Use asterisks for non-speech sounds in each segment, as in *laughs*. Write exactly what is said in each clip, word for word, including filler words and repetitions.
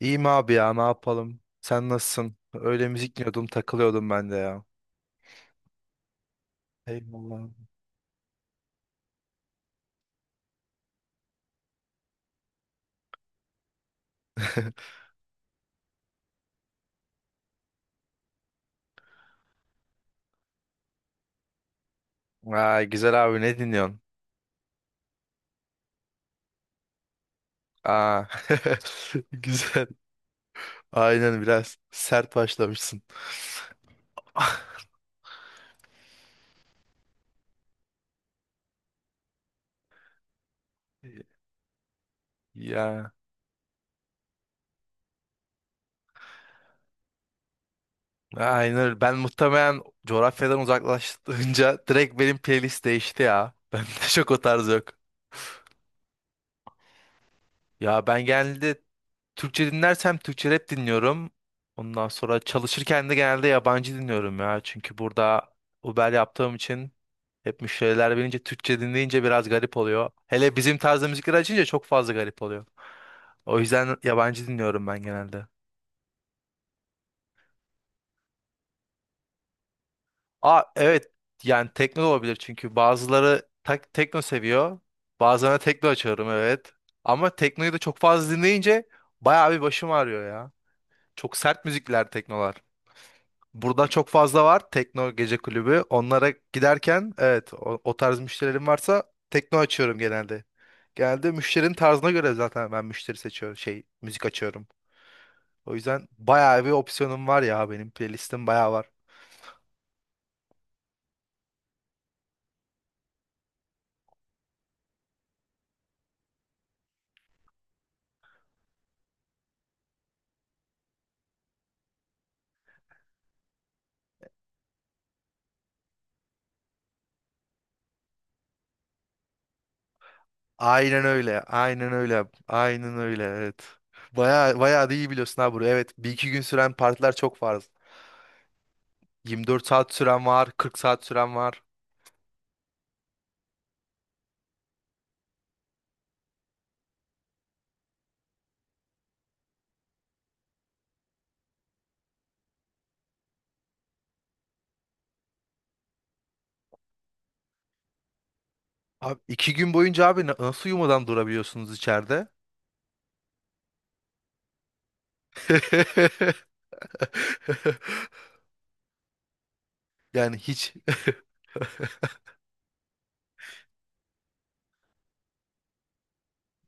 İyiyim abi ya ne yapalım? Sen nasılsın? Öyle müzik dinliyordum takılıyordum ben de ya. Eyvallah. *laughs* Aa, güzel abi ne dinliyorsun? Aa, *laughs* güzel. Aynen biraz sert başlamışsın. *laughs* Ya aynen ben muhtemelen coğrafyadan uzaklaşınca direkt benim playlist değişti ya. *laughs* Bende çok o tarz yok. Ya ben genelde Türkçe dinlersem Türkçe rap dinliyorum. Ondan sonra çalışırken de genelde yabancı dinliyorum ya. Çünkü burada Uber yaptığım için hep müşteriler bilince Türkçe dinleyince biraz garip oluyor. Hele bizim tarzda müzikler açınca çok fazla garip oluyor. O yüzden yabancı dinliyorum ben genelde. Aa evet, yani tekno da olabilir çünkü bazıları tak tekno seviyor. Bazılarına tekno açıyorum evet. Ama teknoyu da çok fazla dinleyince bayağı bir başım ağrıyor ya. Çok sert müzikler teknolar. Burada çok fazla var tekno gece kulübü. Onlara giderken evet o, o tarz müşterilerim varsa tekno açıyorum genelde. Genelde müşterinin tarzına göre zaten ben müşteri seçiyorum şey müzik açıyorum. O yüzden bayağı bir opsiyonum var ya, benim playlistim bayağı var. Aynen öyle. Aynen öyle. Aynen öyle. Evet. Bayağı bayağı da iyi biliyorsun ha burayı. Evet, bir iki gün süren partiler çok var. yirmi dört saat süren var, kırk saat süren var. Abi iki gün boyunca abi na- nasıl uyumadan durabiliyorsunuz içeride? *laughs* Yani hiç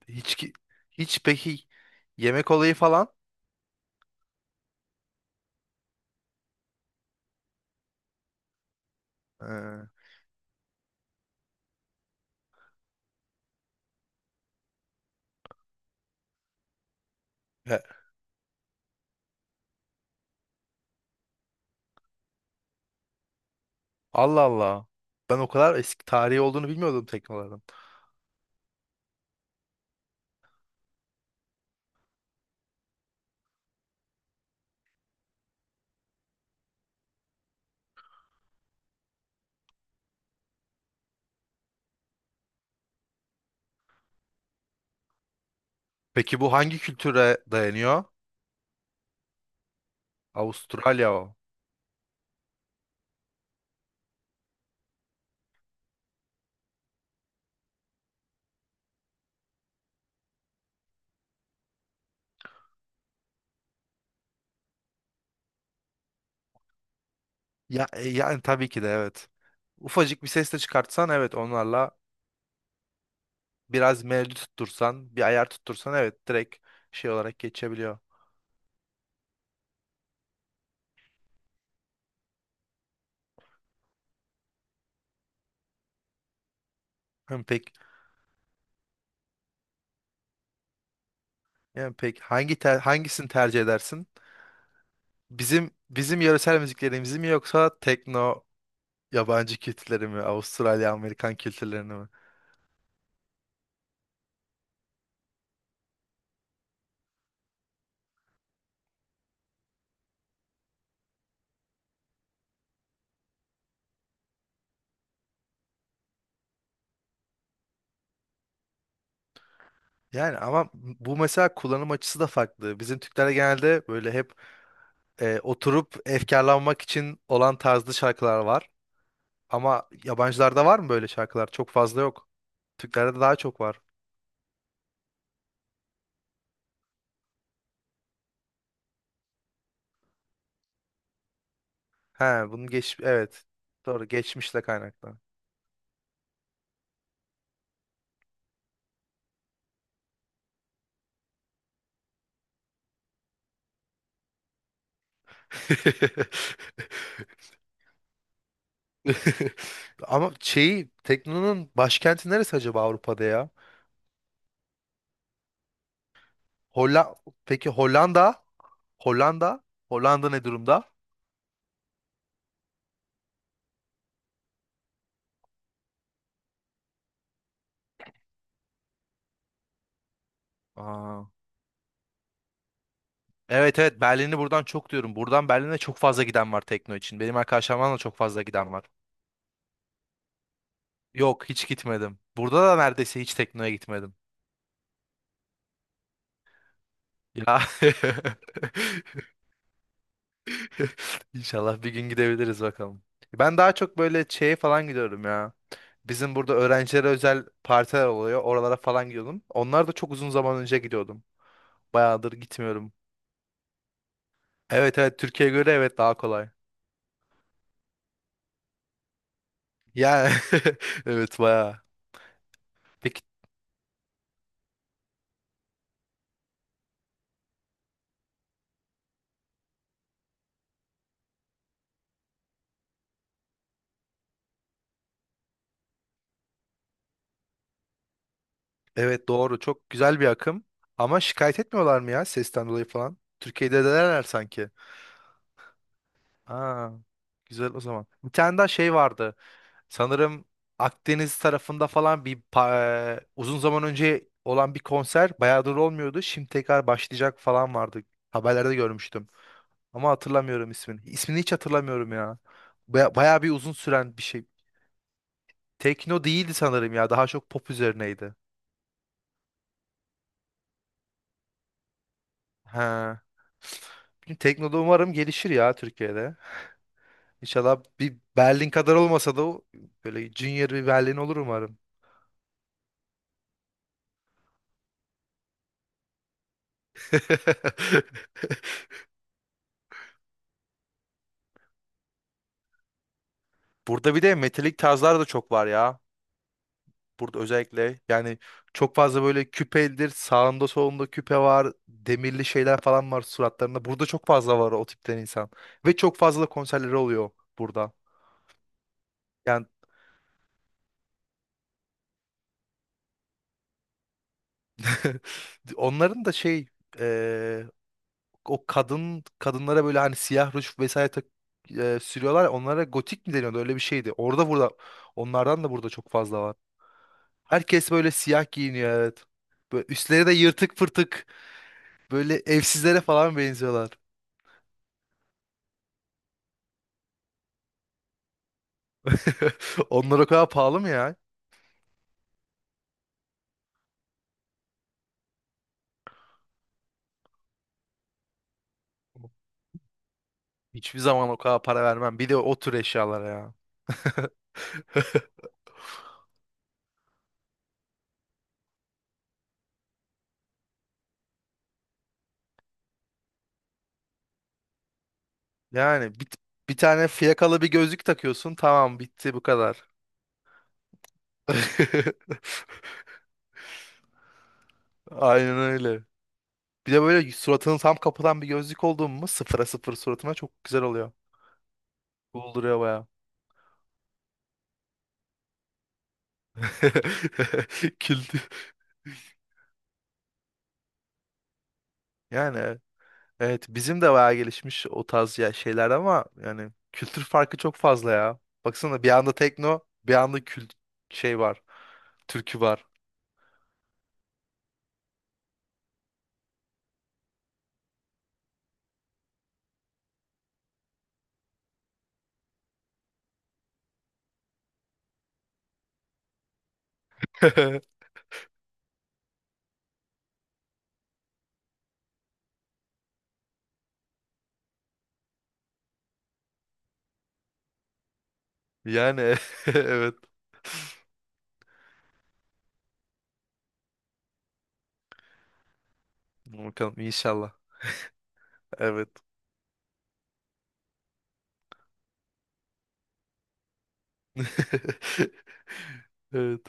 *laughs* hiç ki- hiç peki yemek olayı falan. Ee, ya- Allah Allah. Ben o kadar eski tarihi olduğunu bilmiyordum teknoların. Peki bu hangi kültüre dayanıyor? Avustralya o. Ya e, yani tabii ki de evet. Ufacık bir ses de çıkartsan evet, onlarla biraz melodi tuttursan, bir ayar tuttursan evet direkt şey olarak geçebiliyor. Hem peki, yani pek hangi ter- hangisini tercih edersin? Bizim bizim yöresel müziklerimizi mi, yoksa tekno yabancı kültürleri mi, Avustralya Amerikan kültürlerini mi? Yani ama bu mesela kullanım açısı da farklı. Bizim Türklerde genelde böyle hep e, oturup efkarlanmak için olan tarzlı şarkılar var. Ama yabancılarda var mı böyle şarkılar? Çok fazla yok. Türklerde daha çok var. He, bunu geç evet. Doğru, geçmişle kaynaklı. *laughs* *laughs* Ama şeyi tekno'nun başkenti neresi acaba Avrupa'da ya? Holla, peki Hollanda? Hollanda? Hollanda ne durumda? Aa. Evet evet Berlin'i buradan çok diyorum. Buradan Berlin'e çok fazla giden var tekno için. Benim arkadaşlarımdan da çok fazla giden var. Yok hiç gitmedim. Burada da neredeyse hiç tekno'ya gitmedim. Ya *laughs* *laughs* İnşallah bir gün gidebiliriz bakalım. Ben daha çok böyle şeye falan gidiyorum ya. Bizim burada öğrencilere özel partiler oluyor. Oralara falan gidiyordum. Onlar da çok uzun zaman önce gidiyordum. Bayağıdır gitmiyorum. Evet evet Türkiye'ye göre evet daha kolay. Yani *laughs* evet bayağı. Peki evet doğru, çok güzel bir akım. Ama şikayet etmiyorlar mı ya sesten dolayı falan? Türkiye'de denerler sanki. Aa, güzel o zaman. Bir tane daha şey vardı. Sanırım Akdeniz tarafında falan bir pa- e, uzun zaman önce olan bir konser bayağıdır olmuyordu. Şimdi tekrar başlayacak falan vardı. Haberlerde görmüştüm. Ama hatırlamıyorum ismini. İsmini hiç hatırlamıyorum ya. Baya, bayağı bir uzun süren bir şey. Tekno değildi sanırım ya. Daha çok pop üzerineydi. Ha. Bilmiyorum, tekno da umarım gelişir ya Türkiye'de. İnşallah bir Berlin kadar olmasa da o- böyle junior bir Berlin olur umarım. *laughs* Burada bir de metalik tarzlar da çok var ya. Burada özellikle yani çok fazla böyle küpelidir. Sağında solunda küpe var. Demirli şeyler falan var suratlarında. Burada çok fazla var o tipten insan. Ve çok fazla da konserleri oluyor burada. Yani *laughs* onların da şey, eee, o kadın kadınlara böyle hani siyah ruj vesaire tak, eee, sürüyorlar. Ya, onlara gotik mi deniyordu? Öyle bir şeydi. Orada burada onlardan da burada çok fazla var. Herkes böyle siyah giyiniyor evet. Böyle üstleri de yırtık pırtık. Böyle evsizlere falan benziyorlar. *laughs* Onlar o kadar pahalı mı ya? Hiçbir zaman o kadar para vermem. Bir de o tür eşyalara ya. *laughs* Yani bir, bir tane fiyakalı bir gözlük takıyorsun. Tamam bitti bu kadar. *laughs* Aynen öyle. Bir de böyle suratını tam kapatan bir gözlük olduğun mu sıfıra sıfır suratına çok güzel oluyor. Cool duruyor baya. *laughs* Kült. Yani evet, bizim de bayağı gelişmiş o tarz ya şeyler, ama yani kültür farkı çok fazla ya. Baksana bir anda tekno bir anda kült şey var. Türkü var. *laughs* Yani *laughs* evet. Bakalım inşallah. Evet. *laughs* Evet.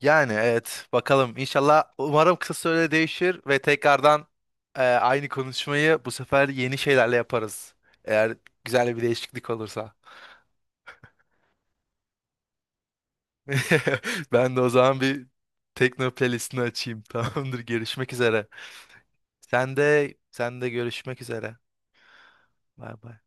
Yani evet bakalım inşallah umarım kısa sürede değişir ve tekrardan e, aynı konuşmayı bu sefer yeni şeylerle yaparız. Eğer güzel bir değişiklik olursa. *laughs* Ben de o zaman bir tekno playlistini açayım. *laughs* Tamamdır. Görüşmek üzere. Sen de sen de görüşmek üzere. Bay bay.